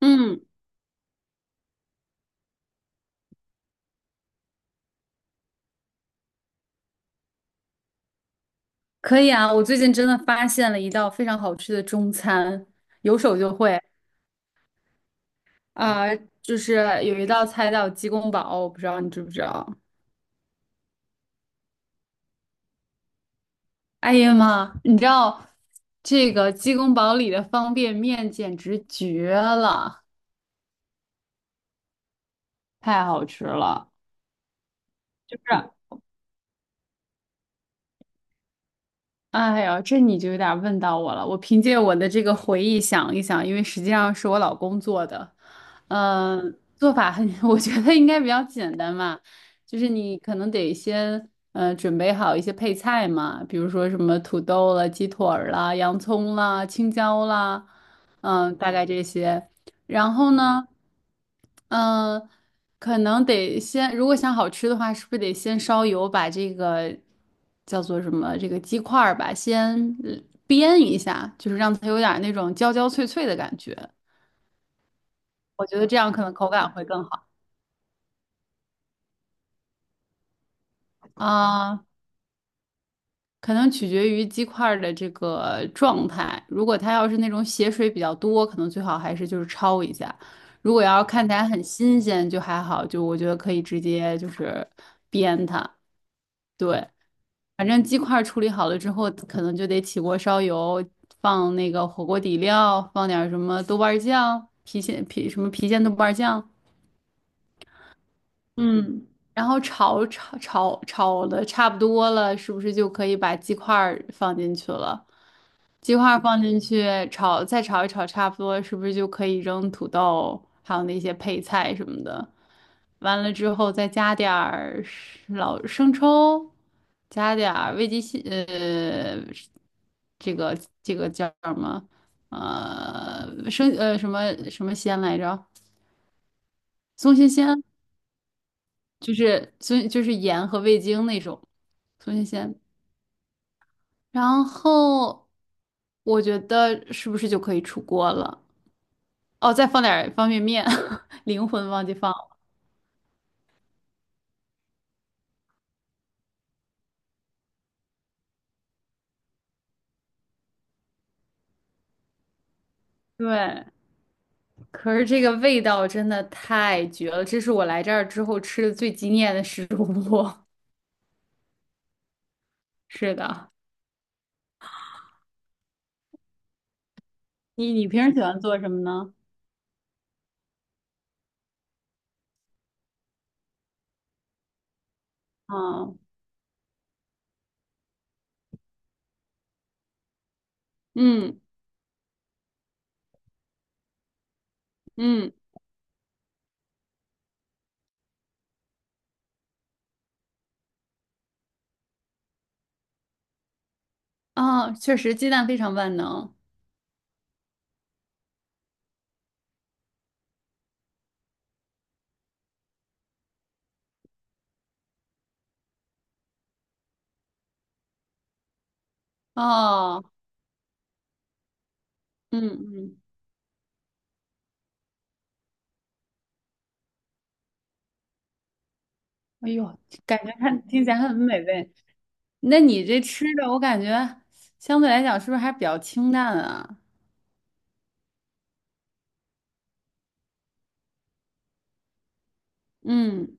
嗯，可以啊！我最近真的发现了一道非常好吃的中餐，有手就会。啊、就是有一道菜叫鸡公煲，我不知道你知不知道？哎呀妈，你知道这个鸡公煲里的方便面简直绝了，太好吃了！就是。哎呀，这你就有点问到我了。我凭借我的这个回忆想一想，因为实际上是我老公做的，做法很，我觉得应该比较简单嘛，就是你可能得先准备好一些配菜嘛，比如说什么土豆了、鸡腿儿啦、洋葱啦、青椒啦，大概这些，然后呢，嗯、可能得先，如果想好吃的话，是不是得先烧油，把这个叫做什么这个鸡块儿吧，先呃煸一下，就是让它有点儿那种焦焦脆脆的感觉。我觉得这样可能口感会更好。啊、可能取决于鸡块儿的这个状态。如果它要是那种血水比较多，可能最好还是就是焯一下。如果要看起来很新鲜，就还好，就我觉得可以直接就是煸它。对，反正鸡块处理好了之后，可能就得起锅烧油，放那个火锅底料，放点儿什么豆瓣儿酱、郫县郫什么郫县豆瓣儿酱，嗯，然后炒炒的差不多了，是不是就可以把鸡块儿放进去了？鸡块放进去炒，再炒一炒，差不多是不是就可以扔土豆，还有那些配菜什么的？完了之后再加点儿老生抽，加点儿味极鲜，这个这个叫什么？什么鲜来着？松鲜鲜，就是松就是盐和味精那种松鲜鲜。然后我觉得是不是就可以出锅了？哦，再放点儿方便面，灵魂忘记放了。对，可是这个味道真的太绝了，这是我来这儿之后吃的最惊艳的食物。是的，你平时喜欢做什么呢？啊，嗯嗯，啊，确实鸡蛋非常万能。哦，嗯嗯，哎呦，感觉看听起来很美味。那你这吃的，我感觉相对来讲是不是还比较清淡啊？嗯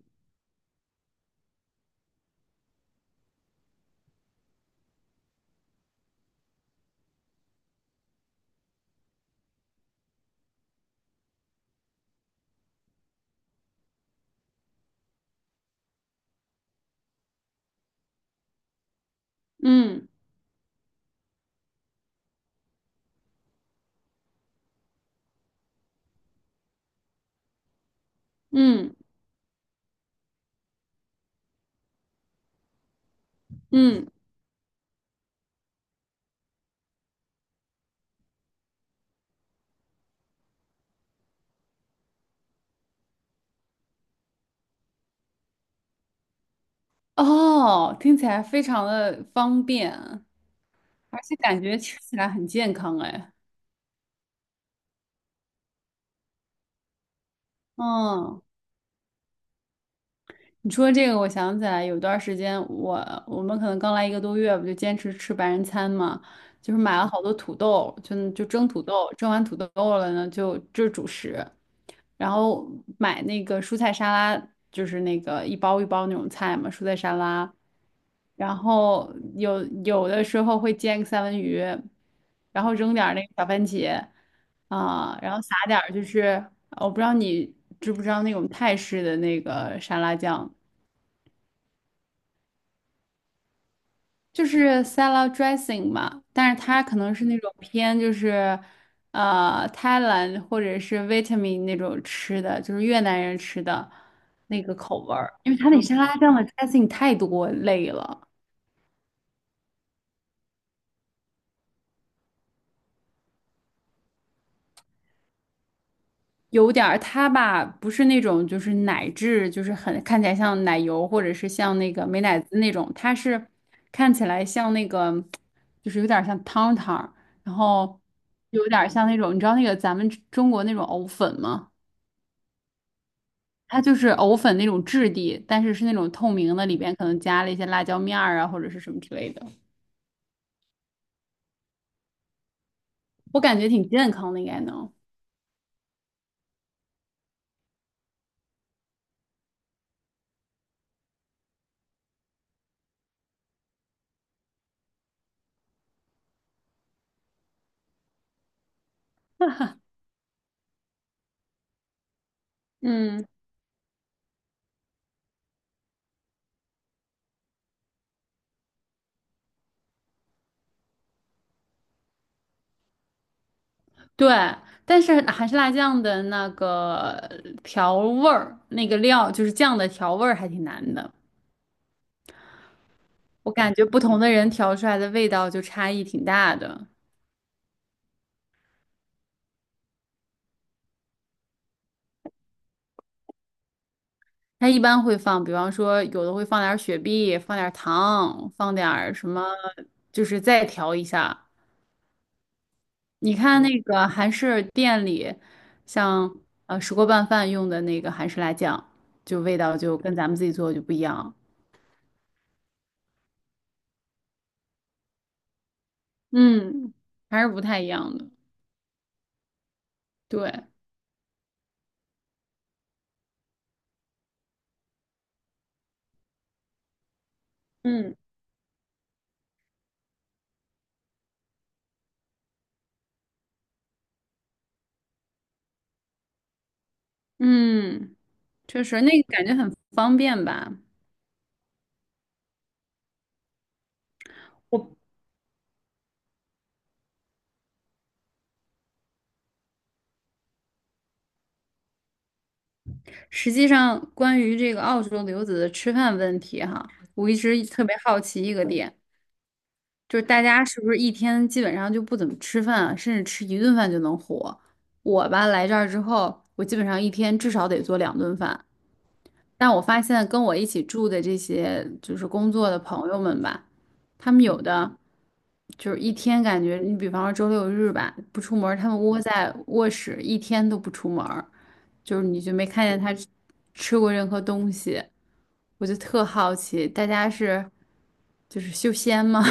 嗯嗯嗯。哦，听起来非常的方便，而且感觉吃起来很健康哎。嗯，你说这个，我想起来有段儿时间我们可能刚来一个多月，不就坚持吃白人餐嘛，就是买了好多土豆，就蒸土豆，蒸完土豆了呢，就是主食，然后买那个蔬菜沙拉，就是那个一包一包那种菜嘛，蔬菜沙拉，然后有的时候会煎个三文鱼，然后扔点儿那个小番茄啊，然后撒点儿就是我不知道你知不知道那种泰式的那个沙拉酱。就是 salad dressing 嘛，但是它可能是那种偏就是泰兰或者是 v i e t a m 那种吃的，就是越南人吃的那个口味儿，因为它那沙拉酱的 dressing 太多类了，有点儿它吧不是那种就是奶质，就是很看起来像奶油或者是像那个美乃滋那种，它是看起来像那个就是有点儿像汤汤，然后有点儿像那种你知道那个咱们中国那种藕粉吗？它就是藕粉那种质地，但是是那种透明的，里边可能加了一些辣椒面儿啊，或者是什么之类的。我感觉挺健康的，应该能。嗯，对，但是韩式辣酱的那个调味儿，那个料就是酱的调味儿还挺难的。我感觉不同的人调出来的味道就差异挺大的。他一般会放，比方说有的会放点儿雪碧，放点儿糖，放点儿什么，就是再调一下。你看那个韩式店里，像石锅拌饭用的那个韩式辣酱，就味道就跟咱们自己做的就不一样，嗯，还是不太一样的。对，嗯，嗯，确实，那个感觉很方便吧。我实际上关于这个澳洲留子的吃饭问题哈，我一直特别好奇一个点，就是大家是不是一天基本上就不怎么吃饭啊甚至吃一顿饭就能活？我吧，来这儿之后，我基本上一天至少得做两顿饭。但我发现跟我一起住的这些就是工作的朋友们吧，他们有的就是一天感觉，你比方说周六日吧，不出门儿他们窝在卧室一天都不出门儿，就是你就没看见他吃过任何东西，我就特好奇，大家是就是修仙吗？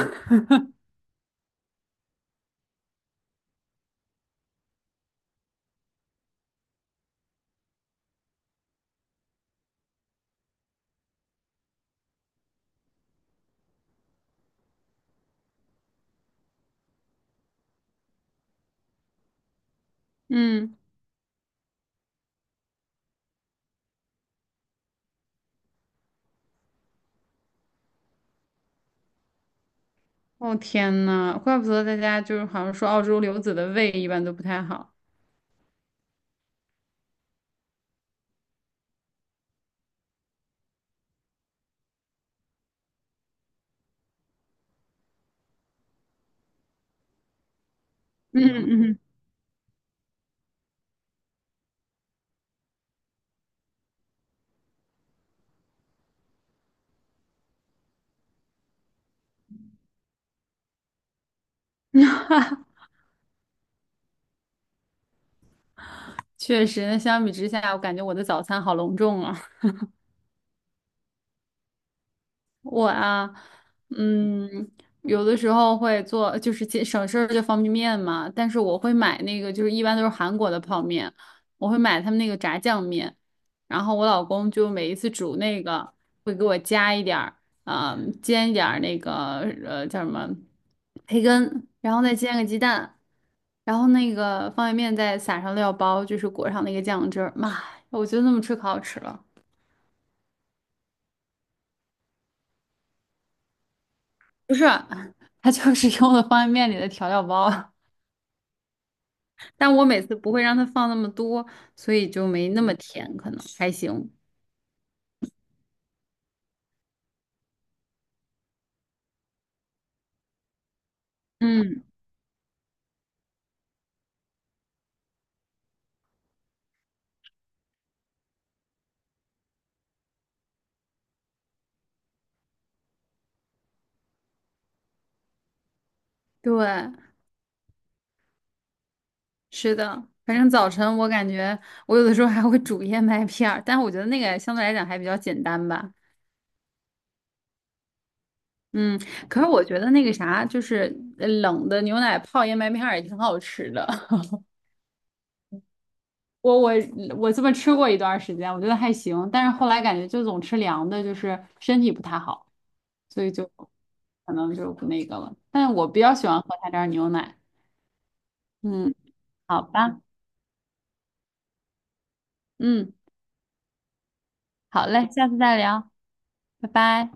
嗯。哦天呐，怪不得大家就是好像说澳洲留子的胃一般都不太好。嗯嗯，嗯，确实，那相比之下，我感觉我的早餐好隆重啊。我啊，嗯，有的时候会做，就是其省事儿就方便面嘛，但是我会买那个，就是一般都是韩国的泡面，我会买他们那个炸酱面，然后我老公就每一次煮那个会给我加一点儿，煎一点儿那个呃叫什么培根，然后再煎个鸡蛋，然后那个方便面再撒上料包，就是裹上那个酱汁儿，妈呀，我觉得那么吃可好吃了。不是，他就是用的方便面里的调料包，但我每次不会让他放那么多，所以就没那么甜，可能还行。嗯，对，是的，反正早晨我感觉我有的时候还会煮燕麦片儿，但我觉得那个相对来讲还比较简单吧。嗯，可是我觉得那个啥，就是冷的牛奶泡燕麦片儿也挺好吃的。我我这么吃过一段儿时间，我觉得还行，但是后来感觉就总吃凉的，就是身体不太好。所以就可能就不那个了。但我比较喜欢喝他家牛奶。嗯，好吧，嗯，好嘞，下次再聊，拜拜。